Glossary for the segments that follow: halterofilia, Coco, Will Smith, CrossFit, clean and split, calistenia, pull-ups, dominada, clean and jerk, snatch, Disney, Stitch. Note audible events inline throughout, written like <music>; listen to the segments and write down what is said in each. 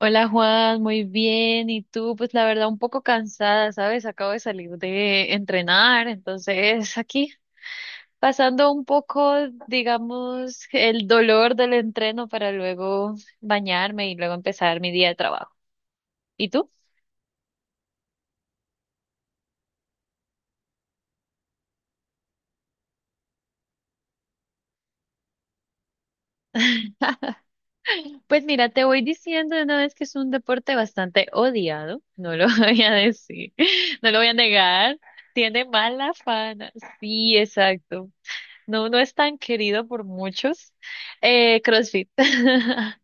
Hola Juan, muy bien. ¿Y tú? Pues la verdad un poco cansada, ¿sabes? Acabo de salir de entrenar, entonces aquí pasando un poco, digamos, el dolor del entreno para luego bañarme y luego empezar mi día de trabajo. ¿Y tú? Pues mira, te voy diciendo de una vez que es un deporte bastante odiado, no lo <laughs> voy a decir, no lo voy a negar, tiene mala fama. Sí, exacto. No, no es tan querido por muchos. CrossFit. <laughs>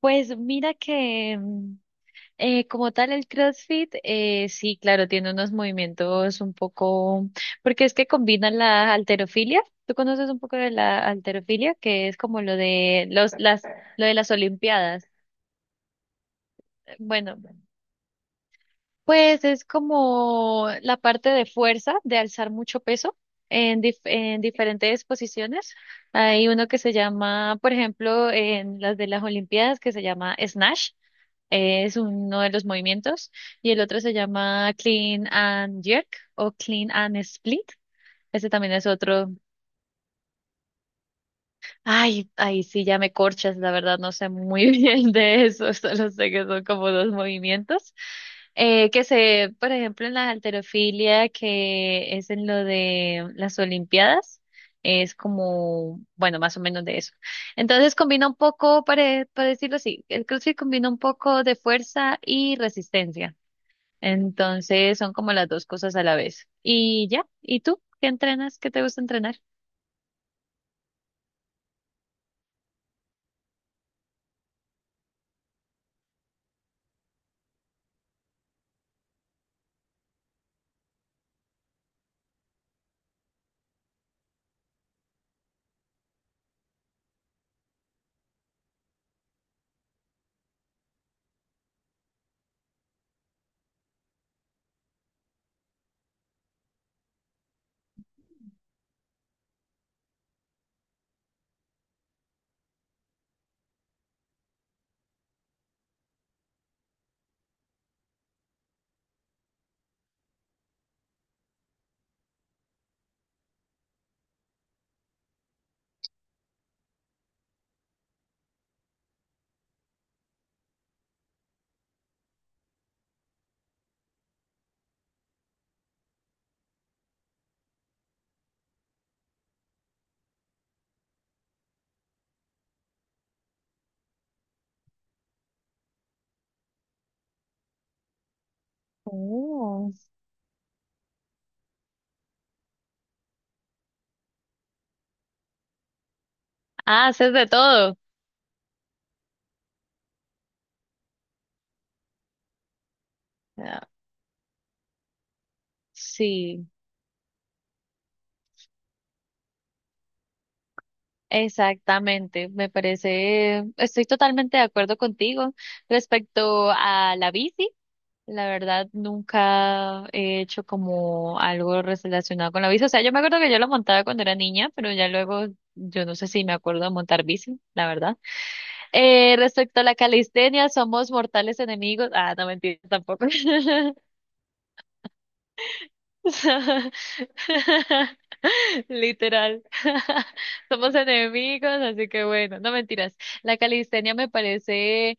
Pues mira que como tal el CrossFit, sí, claro, tiene unos movimientos un poco, porque es que combinan la halterofilia. ¿Tú conoces un poco de la halterofilia? Que es como lo de los, las, lo de las olimpiadas. Bueno, pues es como la parte de fuerza, de alzar mucho peso en, en diferentes posiciones. Hay uno que se llama, por ejemplo, en las de las Olimpiadas, que se llama snatch, es uno de los movimientos, y el otro se llama clean and jerk o clean and split. Ese también es otro. Ay, ay, sí, ya me corchas, la verdad no sé muy <laughs> bien de eso, solo sé que son como dos movimientos. Que se, por ejemplo, en la halterofilia, que es en lo de las Olimpiadas, es como, bueno, más o menos de eso. Entonces combina un poco, para decirlo así, el CrossFit combina un poco de fuerza y resistencia. Entonces son como las dos cosas a la vez. Y ya, ¿y tú qué entrenas? ¿Qué te gusta entrenar? Oh. Ah, haces de todo. Ah, sí, exactamente. Me parece, estoy totalmente de acuerdo contigo respecto a la bici. La verdad, nunca he hecho como algo relacionado con la bici. O sea, yo me acuerdo que yo la montaba cuando era niña, pero ya luego yo no sé si me acuerdo de montar bici, la verdad. Respecto a la calistenia, somos mortales enemigos. Ah, no mentira, tampoco. <laughs> <laughs> Literal. <laughs> Somos enemigos, así que bueno, no mentiras. La calistenia me parece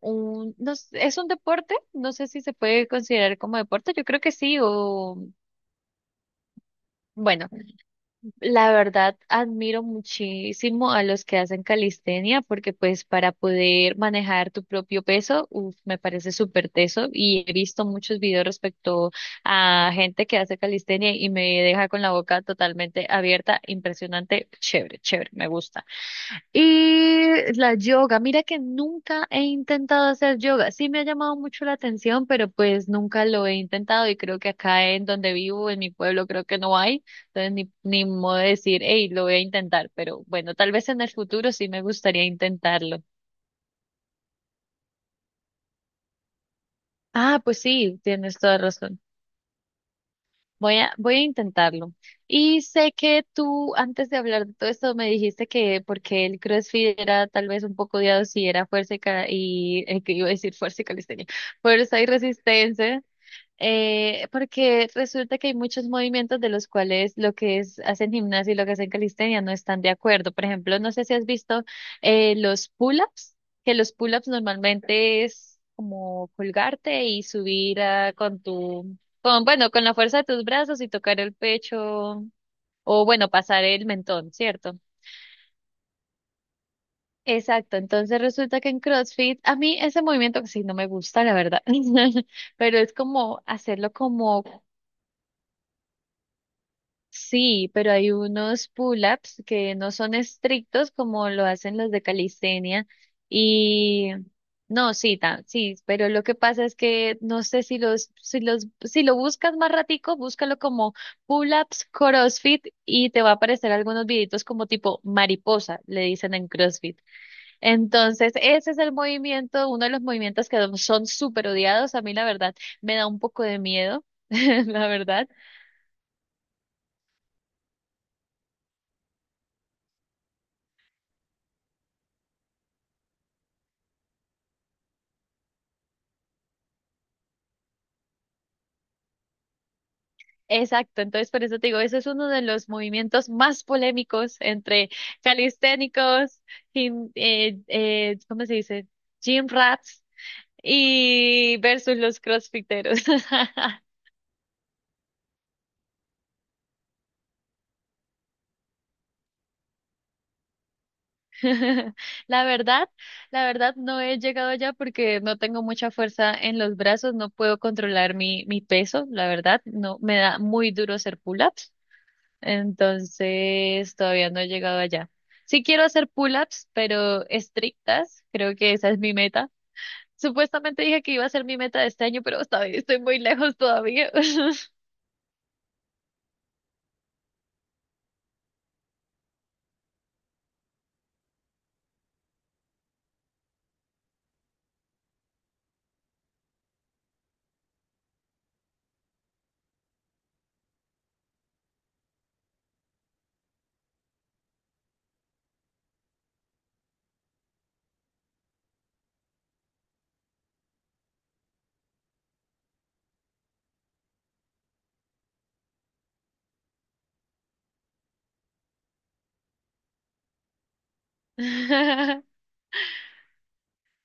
un, no, sé, es un deporte, no sé si se puede considerar como deporte, yo creo que sí, o bueno. La verdad, admiro muchísimo a los que hacen calistenia porque pues para poder manejar tu propio peso, uf, me parece súper teso y he visto muchos videos respecto a gente que hace calistenia y me deja con la boca totalmente abierta, impresionante, chévere, chévere, me gusta. Y la yoga, mira que nunca he intentado hacer yoga. Sí me ha llamado mucho la atención, pero pues nunca lo he intentado y creo que acá en donde vivo, en mi pueblo, creo que no hay. Entonces ni, ni modo de decir, hey, lo voy a intentar, pero bueno, tal vez en el futuro sí me gustaría intentarlo. Ah, pues sí, tienes toda razón. Voy a, voy a intentarlo. Y sé que tú, antes de hablar de todo esto, me dijiste que porque el CrossFit era tal vez un poco odiado si era fuerza y, y que iba a decir fuerza y calistenia, fuerza y resistencia. Porque resulta que hay muchos movimientos de los cuales lo que es, hacen gimnasia y lo que hacen calistenia no están de acuerdo. Por ejemplo, no sé si has visto los pull-ups, que los pull-ups normalmente es como colgarte y subir ah, con tu, con, bueno, con la fuerza de tus brazos y tocar el pecho o bueno, pasar el mentón, ¿cierto? Exacto, entonces resulta que en CrossFit, a mí ese movimiento que sí no me gusta, la verdad, <laughs> pero es como hacerlo como... Sí, pero hay unos pull-ups que no son estrictos como lo hacen los de calistenia y no, sí, sí, pero lo que pasa es que no sé si lo buscas más ratico, búscalo como pull-ups CrossFit y te va a aparecer algunos videitos como tipo mariposa, le dicen en CrossFit. Entonces, ese es el movimiento, uno de los movimientos que son súper odiados, a mí la verdad me da un poco de miedo, <laughs> la verdad. Exacto, entonces por eso te digo, eso es uno de los movimientos más polémicos entre calisténicos, ¿cómo se dice? Gym rats y versus los crossfiteros. <laughs> <laughs> La verdad, la verdad no he llegado allá porque no tengo mucha fuerza en los brazos, no puedo controlar mi, mi peso, la verdad, no me da muy duro hacer pull-ups. Entonces, todavía no he llegado allá. Sí quiero hacer pull-ups, pero estrictas. Creo que esa es mi meta. Supuestamente dije que iba a ser mi meta de este año, pero todavía estoy muy lejos todavía. <laughs>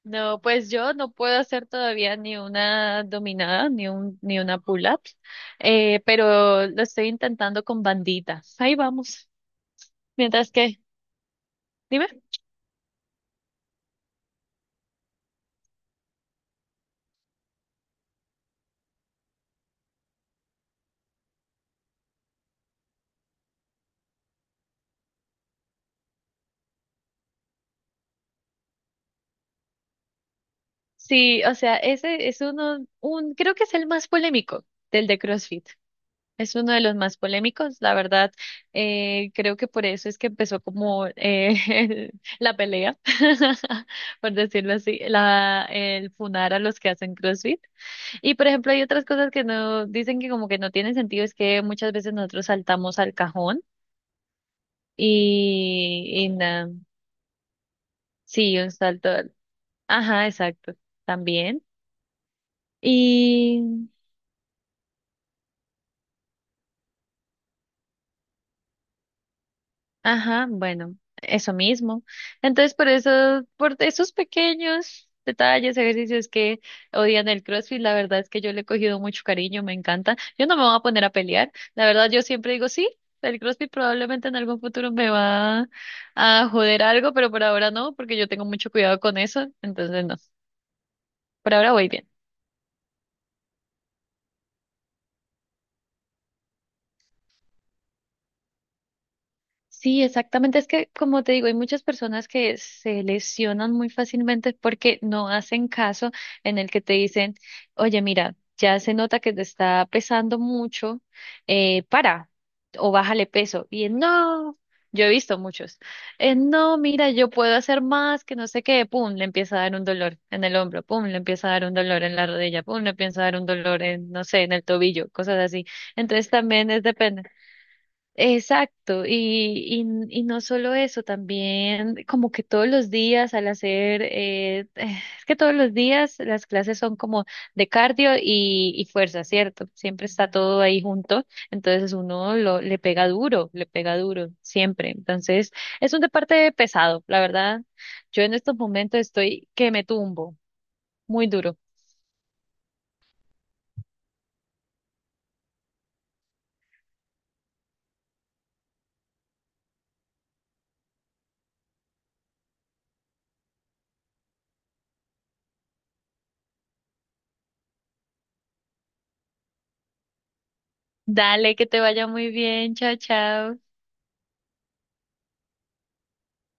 No, pues yo no puedo hacer todavía ni una dominada, ni un, ni una pull-up, pero lo estoy intentando con banditas. Ahí vamos. Mientras que, dime. Sí, o sea, ese es uno, un, creo que es el más polémico del de CrossFit. Es uno de los más polémicos, la verdad. Eh, creo que por eso es que empezó como <laughs> la pelea, <laughs> por decirlo así, la, el funar a los que hacen CrossFit. Y por ejemplo, hay otras cosas que no dicen que como que no tienen sentido, es que muchas veces nosotros saltamos al cajón y nada. Sí, un salto. Ajá, exacto. También. Ajá, bueno, eso mismo. Entonces, por eso, por esos pequeños detalles, ejercicios que odian el CrossFit, la verdad es que yo le he cogido mucho cariño, me encanta. Yo no me voy a poner a pelear. La verdad, yo siempre digo, sí, el CrossFit probablemente en algún futuro me va a joder algo, pero por ahora no, porque yo tengo mucho cuidado con eso. Entonces, no, por ahora voy bien. Sí, exactamente. Es que, como te digo, hay muchas personas que se lesionan muy fácilmente porque no hacen caso en el que te dicen, oye, mira, ya se nota que te está pesando mucho, para o bájale peso. Y él, no, yo he visto muchos. No, mira, yo puedo hacer más que no sé qué". Pum, le empieza a dar un dolor en el hombro, pum, le empieza a dar un dolor en la rodilla, pum, le empieza a dar un dolor en, no sé, en el tobillo, cosas así. Entonces también es depende. Exacto, y, y no solo eso, también como que todos los días al hacer, <sighs> es que todos los días las clases son como de cardio y fuerza, ¿cierto? Siempre está todo ahí junto, entonces uno lo, le pega duro, siempre. Entonces es un deporte pesado, la verdad. Yo en estos momentos estoy que me tumbo, muy duro. Dale, que te vaya muy bien, chao, chao.